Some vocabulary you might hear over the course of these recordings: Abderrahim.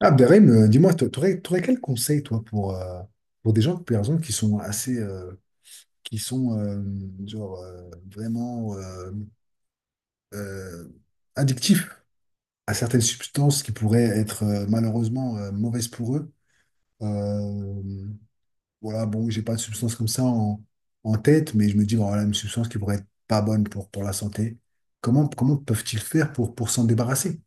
Ah, Abderrahim, dis-moi, tu aurais, quel conseil, toi, pour des gens, par exemple, qui sont assez, qui sont, genre, vraiment euh, addictifs à certaines substances qui pourraient être, malheureusement, mauvaises pour eux? Euh, voilà, bon, j'ai pas de substance comme ça en tête, mais je me dis, bon, voilà, une substance qui pourrait être pas bonne pour la santé. Comment peuvent-ils faire pour s'en débarrasser?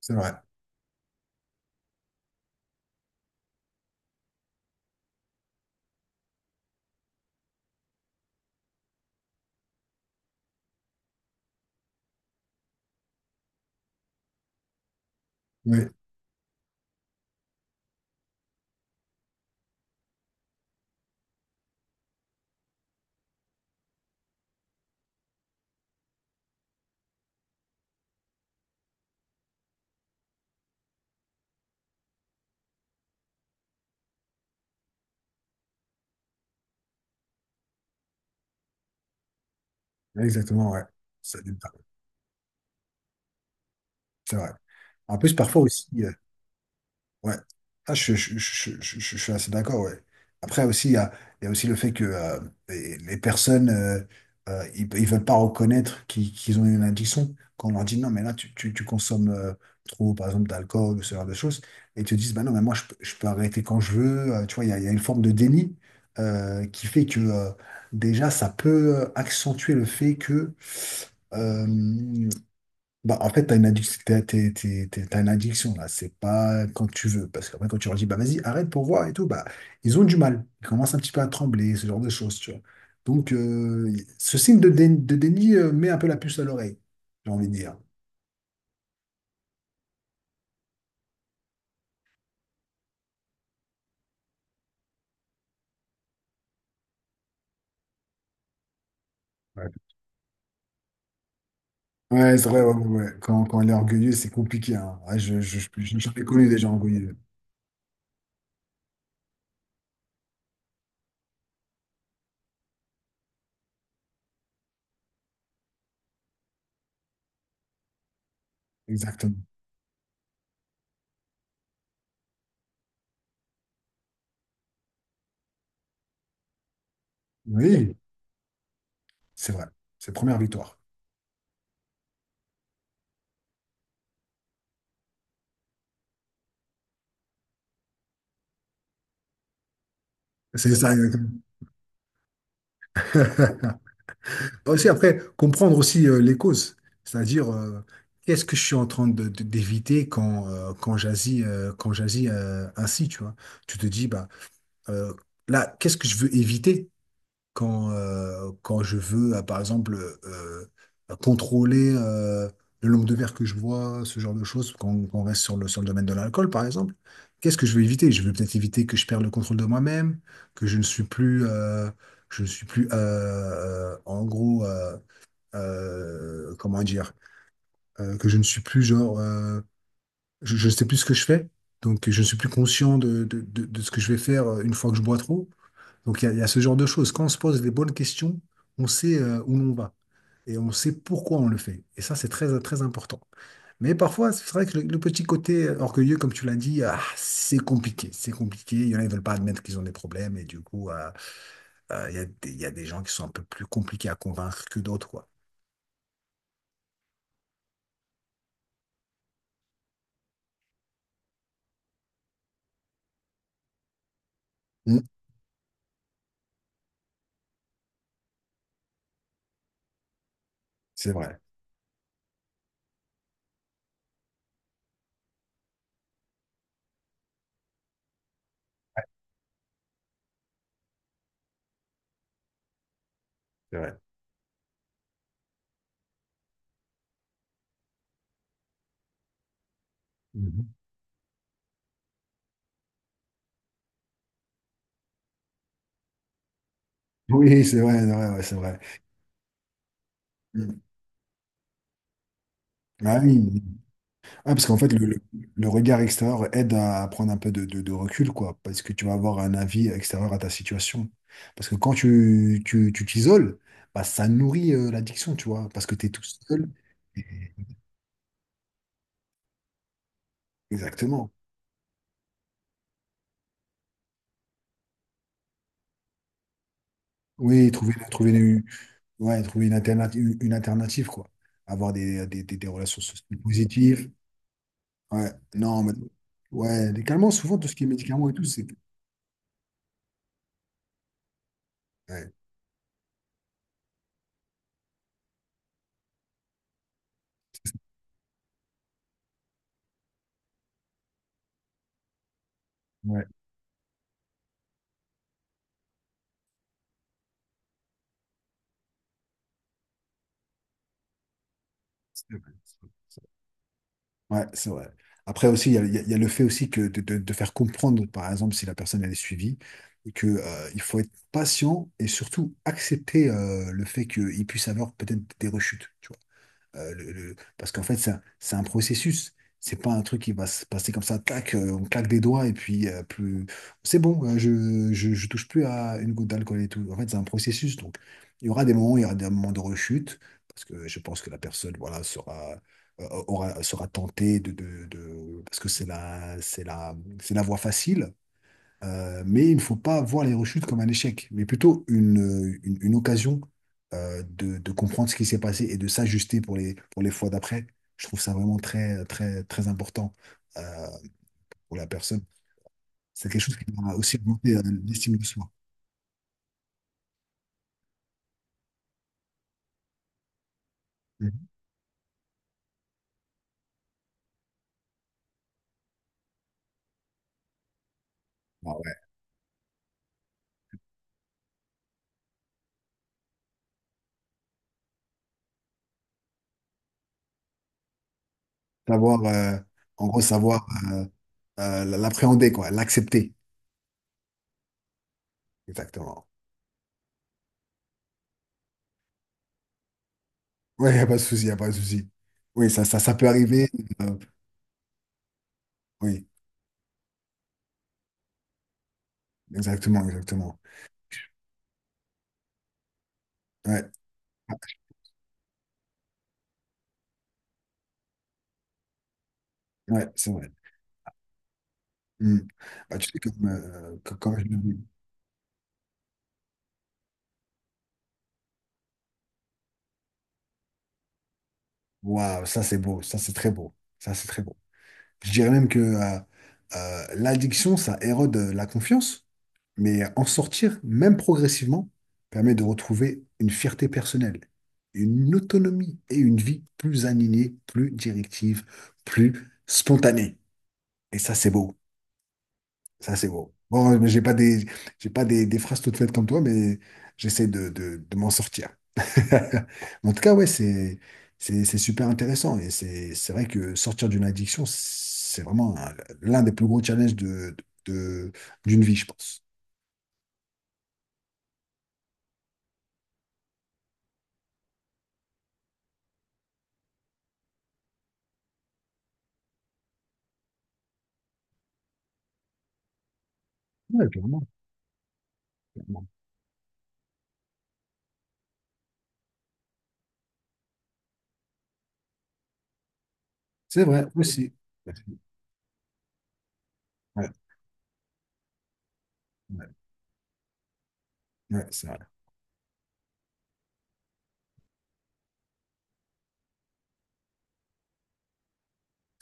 C'est vrai. Oui, exactement, ouais. Ça c'est vrai. En plus, parfois aussi, ouais. Je suis assez d'accord, ouais. Après aussi, il y a aussi le fait que les personnes, ils veulent pas reconnaître qu'ils ont une addiction. Quand on leur dit non, mais là, tu consommes trop, par exemple, d'alcool ou ce genre de choses, et ils te disent, bah non, mais moi, je peux arrêter quand je veux. Tu vois, il y a une forme de déni qui fait que déjà, ça peut accentuer le fait que euh, bah, en fait, tu as une addiction, t'as une addiction là, c'est pas quand tu veux. Parce qu'après, quand tu leur dis, bah vas-y, arrête pour voir et tout, bah ils ont du mal. Ils commencent un petit peu à trembler, ce genre de choses, tu vois. Donc, euh, ce signe de, de déni met un peu la puce à l'oreille, j'ai envie de dire. Ouais, ouais, c'est vrai, ouais, ouais, ouais. Quand elle est orgueilleuse, c'est compliqué, hein. Ouais, j'en ai connu des gens orgueilleux. Exactement. Oui, c'est vrai. C'est première victoire. C'est ça. Aussi, après, comprendre aussi les causes, c'est-à-dire qu'est-ce que je suis en train d'éviter quand, quand j'agis quand j'agis ainsi, tu vois. Tu te dis, bah, euh, là, qu'est-ce que je veux éviter quand, quand je veux, par exemple, euh, contrôler le nombre de verres que je bois, ce genre de choses, quand on reste sur sur le domaine de l'alcool, par exemple. Qu'est-ce que je veux éviter? Je veux peut-être éviter que je perde le contrôle de moi-même, que je ne suis je ne suis plus en gros, euh, comment dire, que je ne suis plus genre, je ne sais plus ce que je fais, donc je ne suis plus conscient de ce que je vais faire une fois que je bois trop. Donc il y a ce genre de choses. Quand on se pose les bonnes questions, on sait où l'on va et on sait pourquoi on le fait. Et ça, c'est très, très important. Mais parfois, c'est vrai que le petit côté orgueilleux, comme tu l'as dit, ah, c'est compliqué. C'est compliqué. Il y en a, ils ne veulent pas admettre qu'ils ont des problèmes. Et du coup, il y a il y a des gens qui sont un peu plus compliqués à convaincre que d'autres, quoi. Mm. C'est vrai. C'est vrai. Mhm. Oui, c'est vrai, ouais, c'est vrai. Mm. Ah oui. Ah, parce qu'en fait, le regard extérieur aide à prendre un peu de, de recul, quoi, parce que tu vas avoir un avis extérieur à ta situation. Parce que quand tu t'isoles, bah, ça nourrit l'addiction, tu vois, parce que tu es tout seul. Et- exactement. Oui, ouais, trouver une alternative, quoi. Avoir des relations sociales positives. Ouais, non, mais, ouais, les calmants, souvent, tout ce qui est médicaments et tout, c'est. Ouais. Ouais. C'est vrai, c'est vrai. Ouais, c'est vrai. Après aussi, il y a le fait aussi que de, de faire comprendre, par exemple, si la personne elle est suivie, et que, il faut être patient et surtout accepter le fait qu'il puisse avoir peut-être des rechutes, tu vois. Parce qu'en fait, c'est un processus. C'est pas un truc qui va se passer comme ça, tac, on claque des doigts et puis plus. C'est bon, je touche plus à une goutte d'alcool et tout. En fait, c'est un processus. Donc, il y aura des moments de rechute, parce que je pense que la personne, voilà, sera, sera tentée parce que c'est la voie facile. Mais il ne faut pas voir les rechutes comme un échec, mais plutôt une occasion de comprendre ce qui s'est passé et de s'ajuster pour pour les fois d'après. Je trouve ça vraiment très, très, très important euh, pour la personne. C'est quelque chose qui va aussi augmenter l'estime de soi. Mhm. Ah ouais. Savoir, en gros, savoir l'appréhender, quoi, l'accepter. Exactement. Oui, il n'y a pas de souci, il n'y a pas de souci. Oui, ça peut arriver. euh, oui, exactement, exactement. Ouais, ouais, c'est vrai. Hmm. Bah, tu sais, comme, comme je l'ai dit, waouh, ça c'est beau, ça c'est très beau, ça c'est très beau. Je dirais même que l'addiction, ça érode la confiance, mais en sortir, même progressivement, permet de retrouver une fierté personnelle, une autonomie et une vie plus alignée, plus directive, plus spontanée. Et ça c'est beau, ça c'est beau. Bon, mais j'ai pas des, des phrases toutes faites comme toi, mais j'essaie de m'en sortir. En tout cas, ouais, c'est super intéressant. Et c'est vrai que sortir d'une addiction, c'est vraiment l'un des plus gros challenges de, de- d'une vie, je pense. Ouais, clairement, clairement. C'est vrai aussi. Ouais, ouais, ouais, ouais, c'est vrai.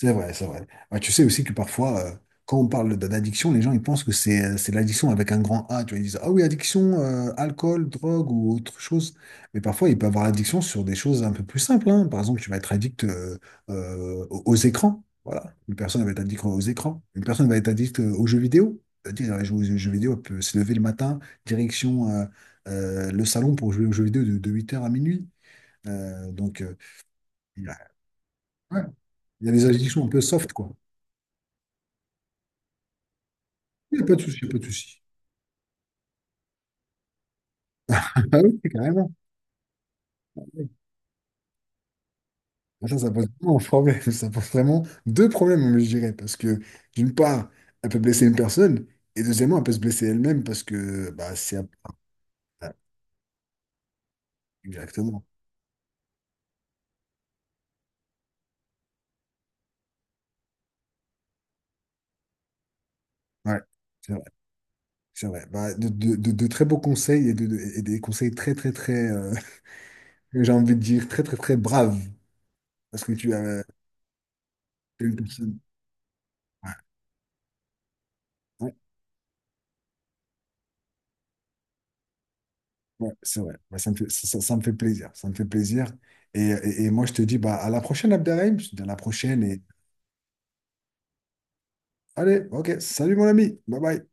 C'est vrai, c'est vrai. Ouais, tu sais aussi que parfois, quand on parle d'addiction, les gens ils pensent que c'est l'addiction avec un grand A. Tu vois, ils disent, ah oui, addiction, alcool, drogue ou autre chose. Mais parfois, il peut avoir addiction sur des choses un peu plus simples, hein. Par exemple, tu vas être addict aux aux écrans. Voilà. Une personne va être addict aux écrans. Une personne va être addict aux jeux vidéo. C'est-à-dire, elle joue aux jeux vidéo, elle peut se lever le matin, direction le salon pour jouer aux jeux vidéo de 8h à minuit. Euh, donc, euh, il y a ouais, il y a des addictions un peu soft, quoi. Il n'y a pas de souci, il y a pas de souci. Ah oui, carrément. Ah, ça pose vraiment un problème. Ça pose vraiment deux problèmes, moi, je dirais. Parce que, d'une part, elle peut blesser une personne. Et deuxièmement, elle peut se blesser elle-même parce que, bah, c'est. Un- ah, exactement. Ouais, c'est vrai. C'est vrai. Bah, de, de très beaux conseils et, de, et des conseils très, très, très. J'ai envie de dire très, très, très braves. Parce que tu as. T'es une personne. Ouais. Ouais. Ouais, c'est vrai. Bah, ça me fait, ça me fait plaisir. Ça me fait plaisir. Et moi, je te dis bah, à la prochaine, Abderrahim. Je te dis à la prochaine. Et allez, ok. Salut, mon ami. Bye bye.